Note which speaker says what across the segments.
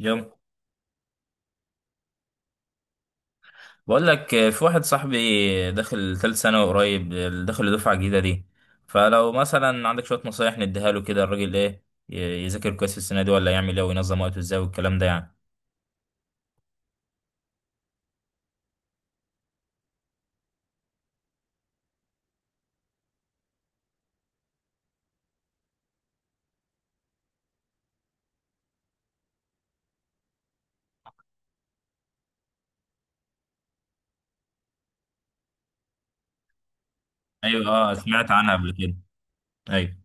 Speaker 1: يلا، بقول لك في واحد صاحبي داخل ثالث ثانوي قريب، داخل دفعة جديدة دي. فلو مثلا عندك شوية نصايح نديها له كده، الراجل ايه، يذاكر كويس السنة دي ولا يعمل ايه وينظم وقته ازاي والكلام ده يعني؟ ايوه، اه، سمعت عنها قبل كده. ايوه،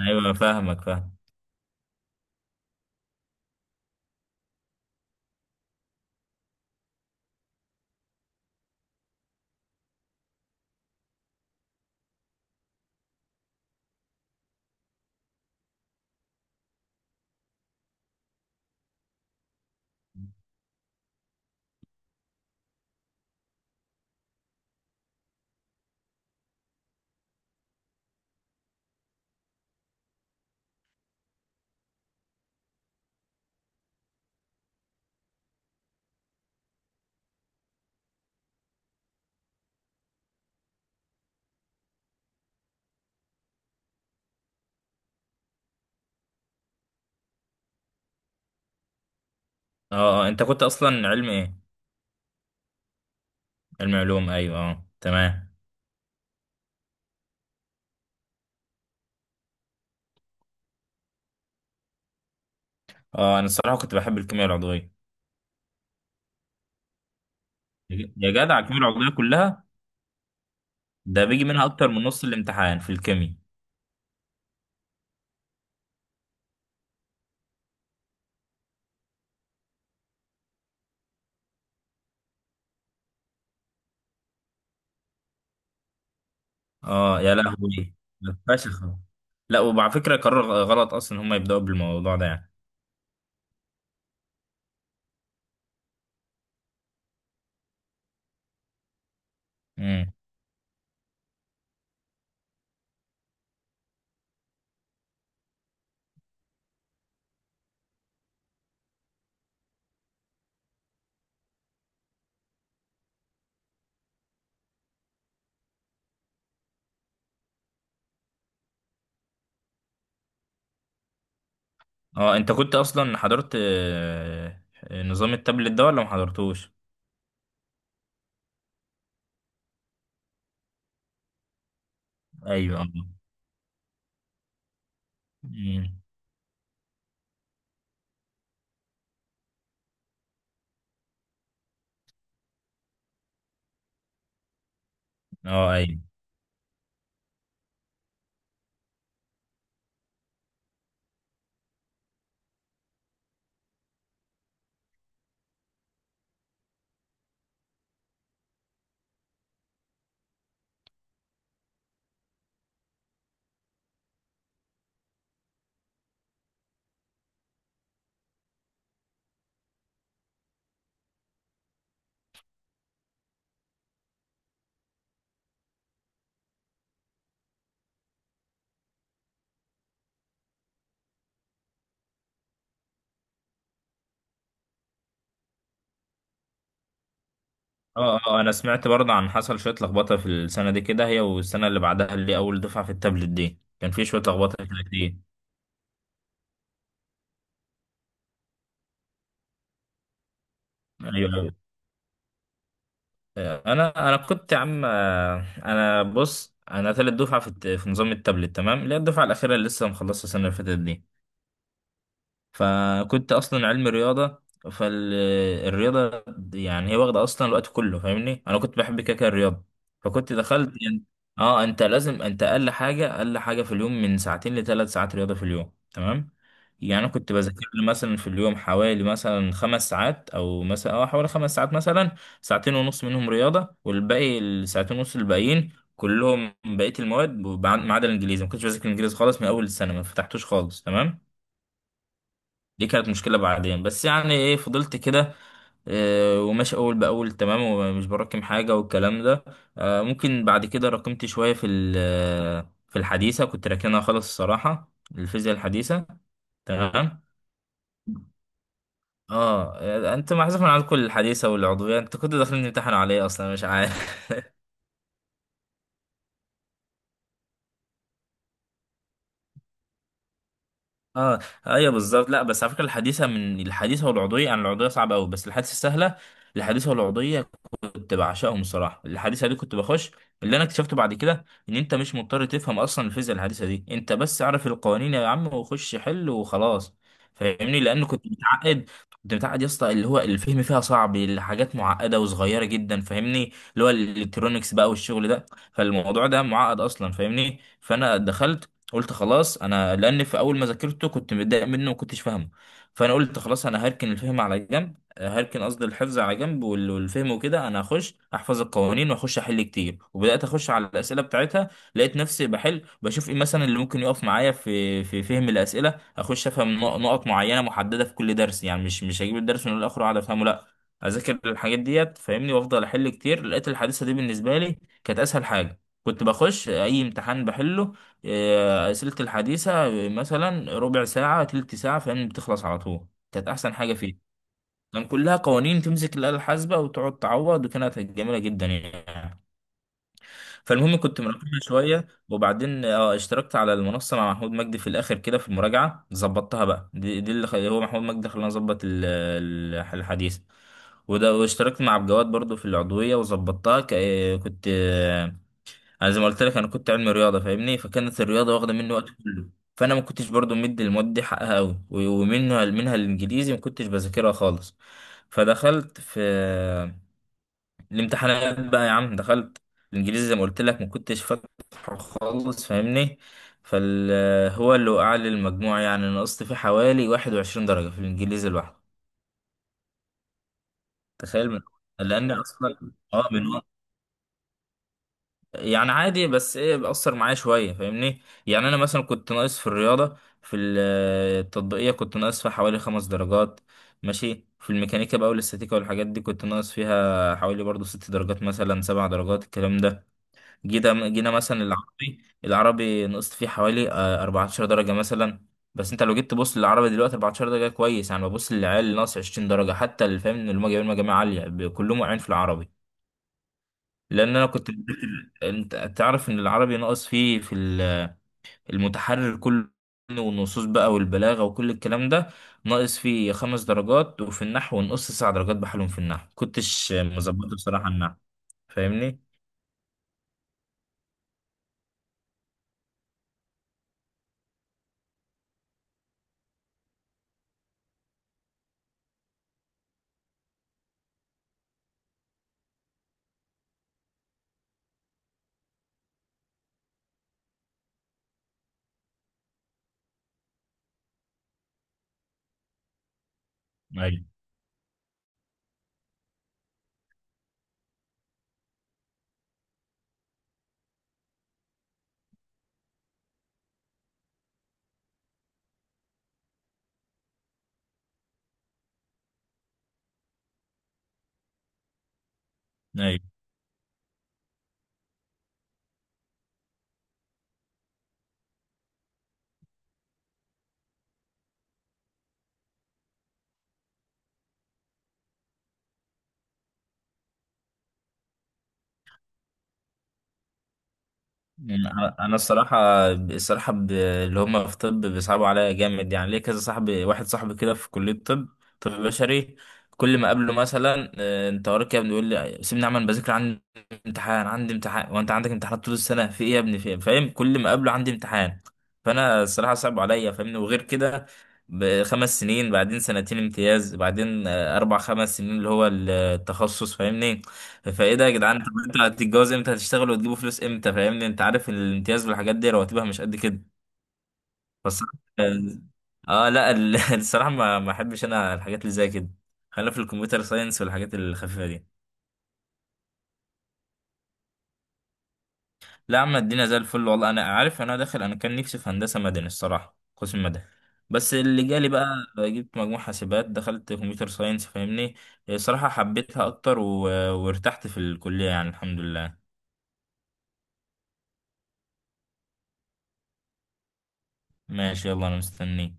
Speaker 1: ايوه، فاهمك فاهم. اه، اه، انت كنت اصلا علم ايه؟ علم علوم، ايوه، اه، تمام. اه، انا الصراحة كنت بحب الكيمياء العضوية. يا جدع الكيمياء العضوية كلها. ده بيجي منها اكتر من نص الامتحان في الكيمياء. اه، يا لهوي، ده فشخ. لا، وعلى فكرة قرار غلط اصلا ان هم يبدأوا بالموضوع ده يعني. امم. اه، انت كنت اصلا حضرت نظام التابلت ده ولا ما حضرتوش؟ ايوه، اه، مم. اه، ايوه. اه، اه، انا سمعت برضه عن حصل شوية لخبطة في السنة دي، كده هي والسنة اللي بعدها اللي اول دفعة في التابلت دي كان في شوية لخبطة كده كتير. ايوه، ايوه، انا كنت يا عم، انا بص انا تالت دفعة في نظام التابلت، تمام، اللي هي الدفعة الأخيرة اللي لسه مخلصة السنة اللي فاتت دي. فكنت اصلا علم رياضه. فالرياضه يعني هي واخده اصلا الوقت كله فاهمني، انا كنت بحب كاكا الرياضه، فكنت دخلت يعني. اه، انت لازم، انت اقل حاجه اقل حاجه في اليوم من ساعتين لثلاث ساعات رياضه في اليوم، تمام. يعني انا كنت بذاكر لي مثلا في اليوم حوالي مثلا 5 ساعات، او مثلا حوالي 5 ساعات مثلا. ساعتين ونص منهم رياضه، والباقي الساعتين ونص الباقيين كلهم بقيه المواد، ما عدا الانجليزي ما كنتش بذاكر الانجليزي خالص، من اول السنه ما فتحتوش خالص، تمام. دي كانت مشكلة بعدين، بس يعني ايه فضلت كده. وماشي اول باول، تمام، ومش براكم حاجة والكلام ده. ممكن بعد كده راكمت شوية في الحديثة، كنت راكنها خالص الصراحة. الفيزياء الحديثة. تمام. اه، انت محذوف من عندكم الحديثة والعضوية، انت كنت داخلين تمتحنوا على ايه اصلا مش عارف؟ اه، ايوه، بالظبط. لا بس على فكرة الحديثة، من الحديثة والعضوية يعني، العضوية صعبة قوي بس الحديثة سهلة. الحديثة والعضوية كنت بعشقهم الصراحه. الحديثه دي كنت بخش، اللي انا اكتشفته بعد كده ان انت مش مضطر تفهم اصلا الفيزياء الحديثه دي، انت بس اعرف القوانين يا عم وخش حل وخلاص. فاهمني، لان كنت متعقد، كنت متعقد يا اسطى، اللي هو الفهم فيها صعب، الحاجات معقده وصغيره جدا فاهمني، اللي هو الالكترونكس بقى والشغل ده. فالموضوع ده معقد اصلا فاهمني. فانا دخلت قلت خلاص انا، لان في اول ما ذاكرته كنت متضايق منه وما كنتش فاهمه. فانا قلت خلاص انا هركن الفهم على جنب، هركن قصدي الحفظ على جنب، والفهم وكده انا هخش احفظ القوانين واخش احل كتير، وبدات اخش على الاسئله بتاعتها. لقيت نفسي بحل، بشوف ايه مثلا اللي ممكن يقف معايا في فهم الاسئله، اخش افهم نقط معينه محدده في كل درس يعني، مش هجيب الدرس من الاخر واقعد افهمه، لا. اذاكر الحاجات ديت فاهمني، وافضل احل كتير، لقيت الحادثه دي بالنسبه لي كانت اسهل حاجه، كنت بخش اي امتحان بحله. اسئله الحديثه، مثلا ربع ساعه تلت ساعه فاهمني بتخلص على طول. كانت احسن حاجه فيه. كان كلها قوانين، تمسك الآلة الحاسبة وتقعد تعوض، وكانت جميلة جدا يعني. فالمهم كنت مراقبها شوية، وبعدين اشتركت على المنصة مع محمود مجدي في الآخر كده في المراجعة، ظبطتها بقى، دي هو محمود مجدي خلاني أظبط الحديث. وده، واشتركت مع عبد الجواد برضو في العضوية وظبطتها كنت. انا زي ما قلت لك، انا كنت علمي رياضه فاهمني، فكانت الرياضه واخده مني وقت كله. فانا ما كنتش برضو مدي المواد دي حقها قوي، ومنها الانجليزي ما كنتش بذاكرها خالص. فدخلت في الامتحانات بقى يا عم، دخلت الانجليزي زي ما قلت لك ما كنتش فاتحه خالص فاهمني، فال هو اللي وقع لي المجموع يعني، نقصت فيه حوالي 21 درجه في الانجليزي لوحده. تخيل من، لان اصلا من، يعني عادي بس ايه بأثر معايا شوية فاهمني، يعني انا مثلا كنت ناقص في الرياضة، التطبيقية كنت ناقص فيها حوالي 5 درجات، ماشي. في الميكانيكا بقى والاستاتيكا والحاجات دي كنت ناقص فيها حوالي برضو 6 درجات، مثلا 7 درجات الكلام ده. جينا مثلا العربي العربي نقصت فيه حوالي 14 درجة مثلا. بس انت لو جيت تبص للعربي دلوقتي 14 درجة كويس يعني، ببص للعيال اللي ناقص 20 درجة حتى، اللي فاهم ان هم جايبين مجاميع عالية كلهم واقعين في العربي. لان انا كنت انت تعرف ان العربي ناقص فيه المتحرر كله والنصوص بقى والبلاغه وكل الكلام ده، ناقص فيه 5 درجات، وفي النحو نقص 9 درجات بحالهم، في النحو كنتش مظبطه بصراحه النحو فاهمني. ايوه، ايوه. يعني انا الصراحه اللي هم في طب بيصعبوا عليا جامد يعني، ليه كذا صاحبي، واحد صاحبي كده في كليه طب، طب بشري. كل ما اقابله مثلا انت وراك إيه يا ابني؟ يقول لي سيبني اعمل بذاكر، عندي امتحان عندي امتحان، وانت عندك امتحانات طول السنه في ايه يا ابني في إيه؟ فاهم، كل ما اقابله عندي امتحان. فانا الصراحه صعب عليا فاهمني، وغير كده بخمس سنين بعدين سنتين امتياز بعدين اربع خمس سنين اللي هو التخصص فاهمني. فايه ده يا جدعان؟ طب انتوا هتتجوز امتى، هتشتغلوا وتجيبوا فلوس امتى؟ فاهمني انت عارف الامتياز والحاجات دي رواتبها مش قد كده. بس، اه، لا، الصراحه ما احبش انا الحاجات اللي زي كده. خلينا في الكمبيوتر ساينس والحاجات الخفيفه دي. لا يا عم الدنيا زي الفل والله. انا عارف انا داخل، انا كان نفسي في هندسه مدني الصراحه، قسم مدني، بس اللي جالي بقى، جبت مجموع حاسبات دخلت كمبيوتر ساينس فاهمني. الصراحه حبيتها اكتر وارتحت في الكليه يعني الحمد لله. ماشي، يلا، انا مستنيك.